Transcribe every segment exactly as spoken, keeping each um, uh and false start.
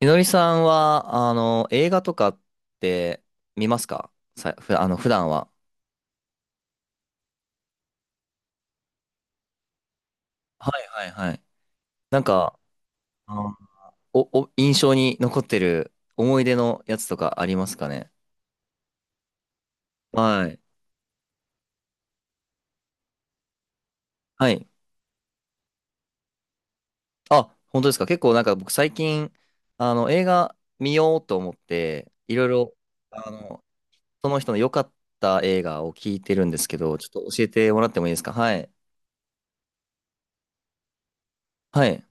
みのりさんは、あの、映画とかって見ますかさ、ふ、あの、普段は？はいはいはい。なんか、あお、お、印象に残ってる思い出のやつとかありますかね？はい。はい。あ、本当ですか？結構なんか僕最近、あの、映画見ようと思って、いろいろ、あの、その人の良かった映画を聞いてるんですけど、ちょっと教えてもらってもいいですか？はい。はい。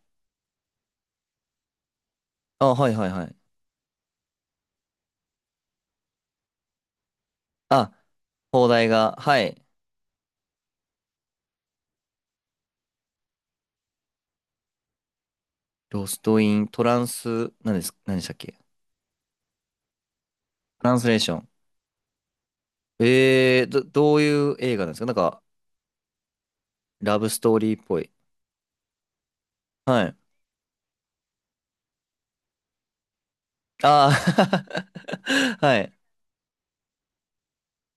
あ、はいはいはい。あ、放題が、はい。ロストイン、トランス、何です、何でしたっけ？トランスレーション。えー、ど、どういう映画なんですか？なんか、ラブストーリーっぽい。はい。ああ はい。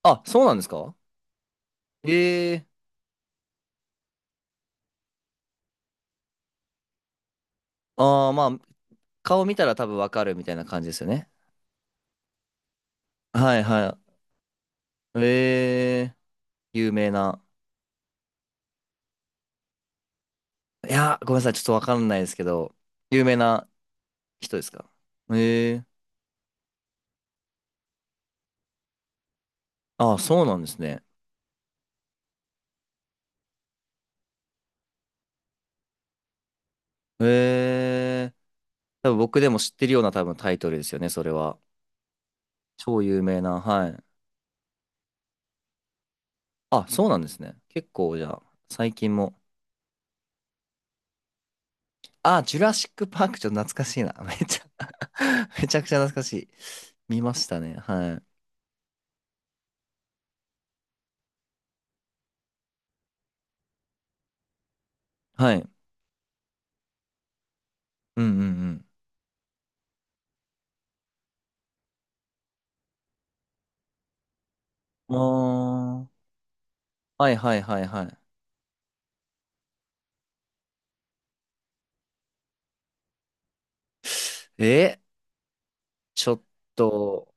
あ、そうなんですか？ええー、ああ、まあ、顔見たら多分わかるみたいな感じですよね。はいはい。ええー、有名な。いや、ごめんなさい、ちょっとわかんないですけど、有名な人ですか？ええー、ああ、そうなんですね。ええー、多分僕でも知ってるような多分タイトルですよね、それは。超有名な、はい。あ、そうなんですね。結構じゃあ、最近も。あ、ジュラシック・パークちょっと懐かしいな。めちゃ めちゃくちゃ懐かしい。見ましたね。はい。はい。うんうんうん。ああ。はいはいはいはい。え、ちょっと、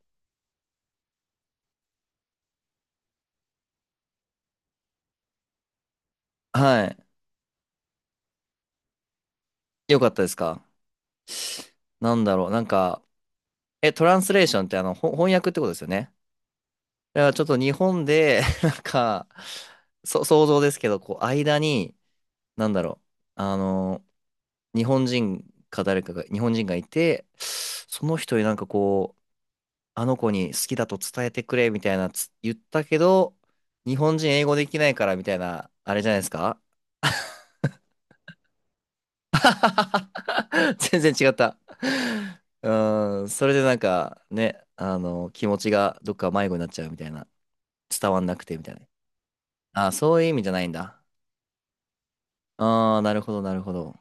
はい。よかったですか？なんだろう。なんか、え、トランスレーションってあの、ほ翻訳ってことですよね。だからちょっと日本で、なんか、そ、想像ですけど、こう、間に、なんだろう、あの、日本人か誰かが、日本人がいて、その人になんかこう、あの子に好きだと伝えてくれみたいなつ言ったけど、日本人英語できないからみたいな、あれじゃないですか？ 全然違った。うん、それでなんかね、あの、気持ちがどっか迷子になっちゃうみたいな、伝わんなくてみたいな。あ、そういう意味じゃないんだ。ああ、なるほど、なるほど。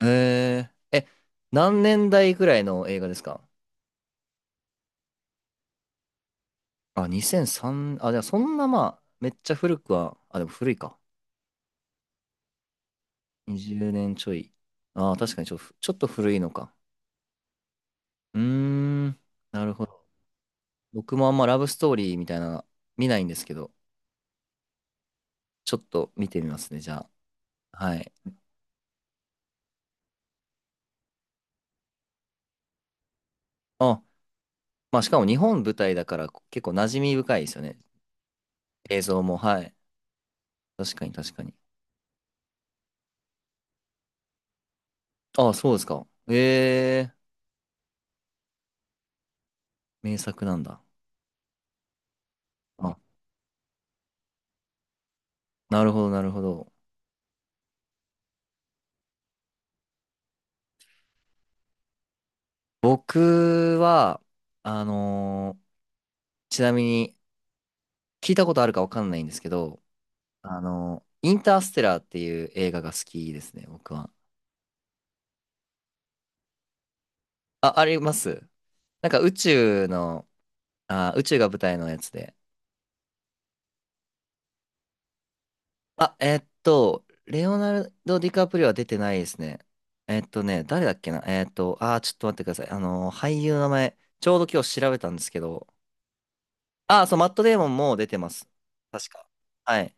えー、え、何年代ぐらいの映画ですか？あ、にせんさん、あ、じゃあそんなまあ、めっちゃ古くは、あ、でも古いか。にじゅうねんちょい。ああ、確かにちょ、ちょっと古いのか。うーん、なるほど。僕もあんまラブストーリーみたいなの見ないんですけど、ちょっと見てみますね、じゃあ。はい。あ、まあしかも日本舞台だから結構馴染み深いですよね。映像も、はい。確かに確かに。あ、そうですか？ええ、名作なんだ。あ、なるほど、なるほど。僕は、あのーちなみに、聞いたことあるかわかんないんですけど、あの、インターステラーっていう映画が好きですね、僕は。あ、あります？なんか宇宙の、あ、宇宙が舞台のやつで。あ、えーっと、レオナルド・ディカプリオは出てないですね。えーっとね、誰だっけなえーっと、あー、ちょっと待ってください。あの、俳優の名前、ちょうど今日調べたんですけど、あー、そう、マット・デーモンも出てます。確か。はい。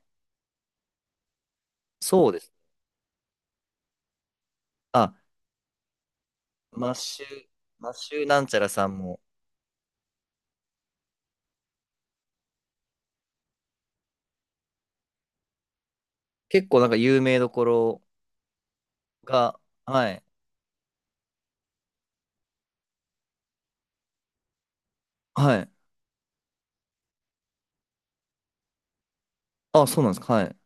そうです。あ、マッシュ、マッシュなんちゃらさんも、結構なんか有名どころ、が、はい。はい。あ、そうなんですか。はい。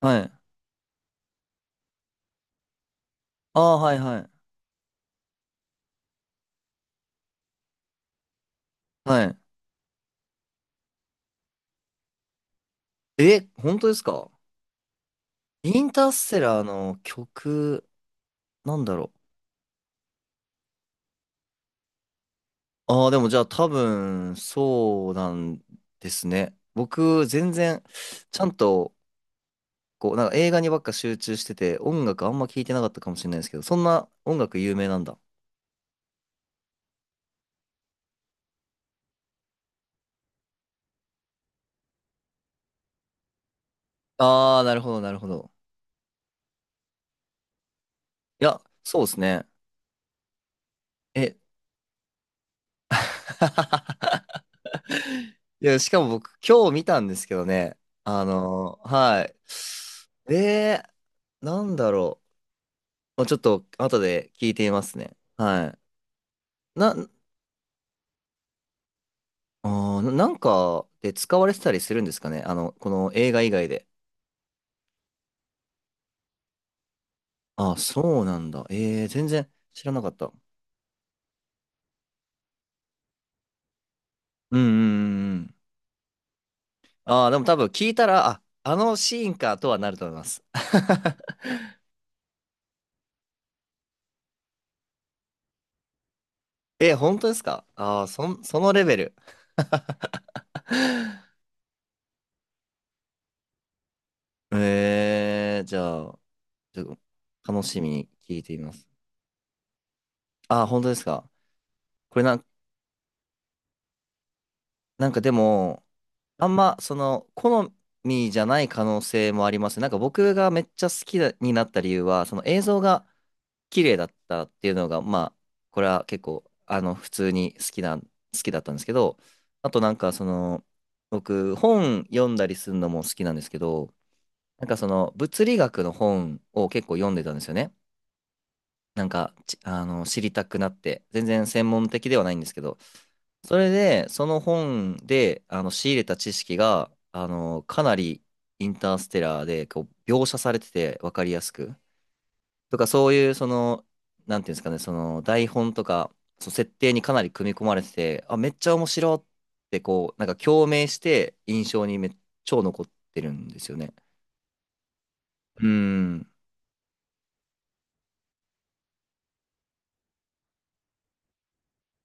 はい。ああ、はい、はい。はい。え、本当ですか？インターステラーの曲、なんだろう。ああ、でもじゃあ多分、そうなんですね。僕、全然、ちゃんと、こう、なんか映画にばっか集中してて、音楽あんま聞いてなかったかもしれないですけど、そんな音楽有名なんだ。ああ、なるほど、なるほど。いや、そうですね。え、いや、しかも僕、今日見たんですけどね。あのーはい。えーなんだろう。まあちょっと、後で聞いてみますね。はい。な、あー、なんかで使われてたりするんですかね？あの、この映画以外で。あ、そうなんだ。えー、全然知らなかった。うんうんうんうん。あー、でも多分聞いたら、あ、あのシーンかとはなると思います。え、本当ですか？ああー、そん、そのレベル。えー、じゃあ。ちょっと楽しみに聞いてみます。あー、本当ですか。これなん、なんかでも、あんまその好みじゃない可能性もありますね。なんか僕がめっちゃ好きだになった理由は、その映像が綺麗だったっていうのが、まあ、これは結構、あの、普通に好きな、好きだったんですけど、あとなんかその、僕、本読んだりするのも好きなんですけど、なんかその物理学の本を結構読んでたんですよね。なんか、ちあの、知りたくなって、全然専門的ではないんですけど、それで、その本で、あの、仕入れた知識が、あの、かなりインターステラーで、こう、描写されてて、わかりやすく。とか、そういう、その、なんていうんですかね、その、台本とか、その設定にかなり組み込まれてて、あ、めっちゃ面白って、こう、なんか共鳴して、印象にめっ超残ってるんですよね。うーん。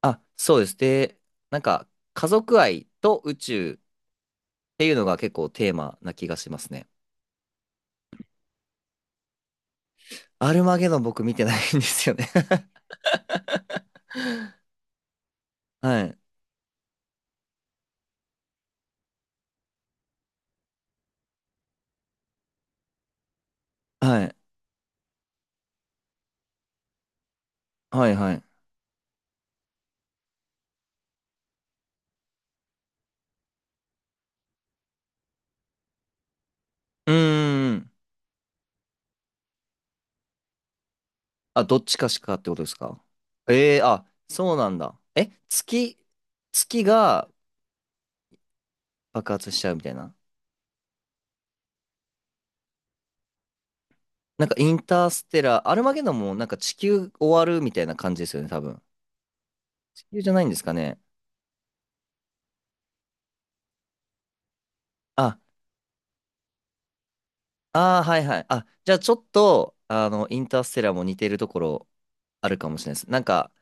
あ、そうです。で、なんか、家族愛と宇宙、っていうのが結構テーマな気がしますね。アルマゲドン僕見てないんですよね はい。はい。はい、はい。うーん。あ、どっちかしかってことですか？ええー、あ、そうなんだ。え、月、月が爆発しちゃうみたいな。なんかインターステラー、アルマゲドンもなんか地球終わるみたいな感じですよね、多分。地球じゃないんですかね？あ、ああ、はいはい。あ、じゃあちょっと、あの、インターステラーも似てるところあるかもしれないです。なんか、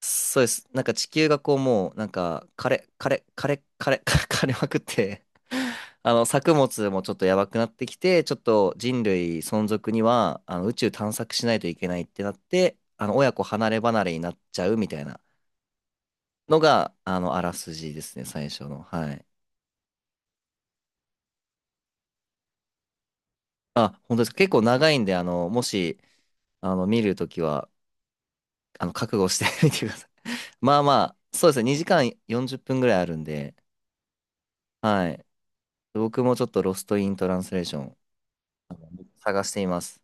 そうです。なんか地球がこうもう、なんか枯れ、枯れ、枯れ、枯れ、枯れまくって あの、作物もちょっとやばくなってきて、ちょっと人類存続には、あの、宇宙探索しないといけないってなって、あの、親子離れ離れになっちゃうみたいなのが、あの、あらすじですね、最初の。はい。あ、本当ですか。結構長いんで、あの、もし、あの、見るときは、あの、覚悟して みてください。まあまあ、そうですね、にじかんよんじゅっぷんぐらいあるんで、はい。僕もちょっとロストイントランスレーション探しています。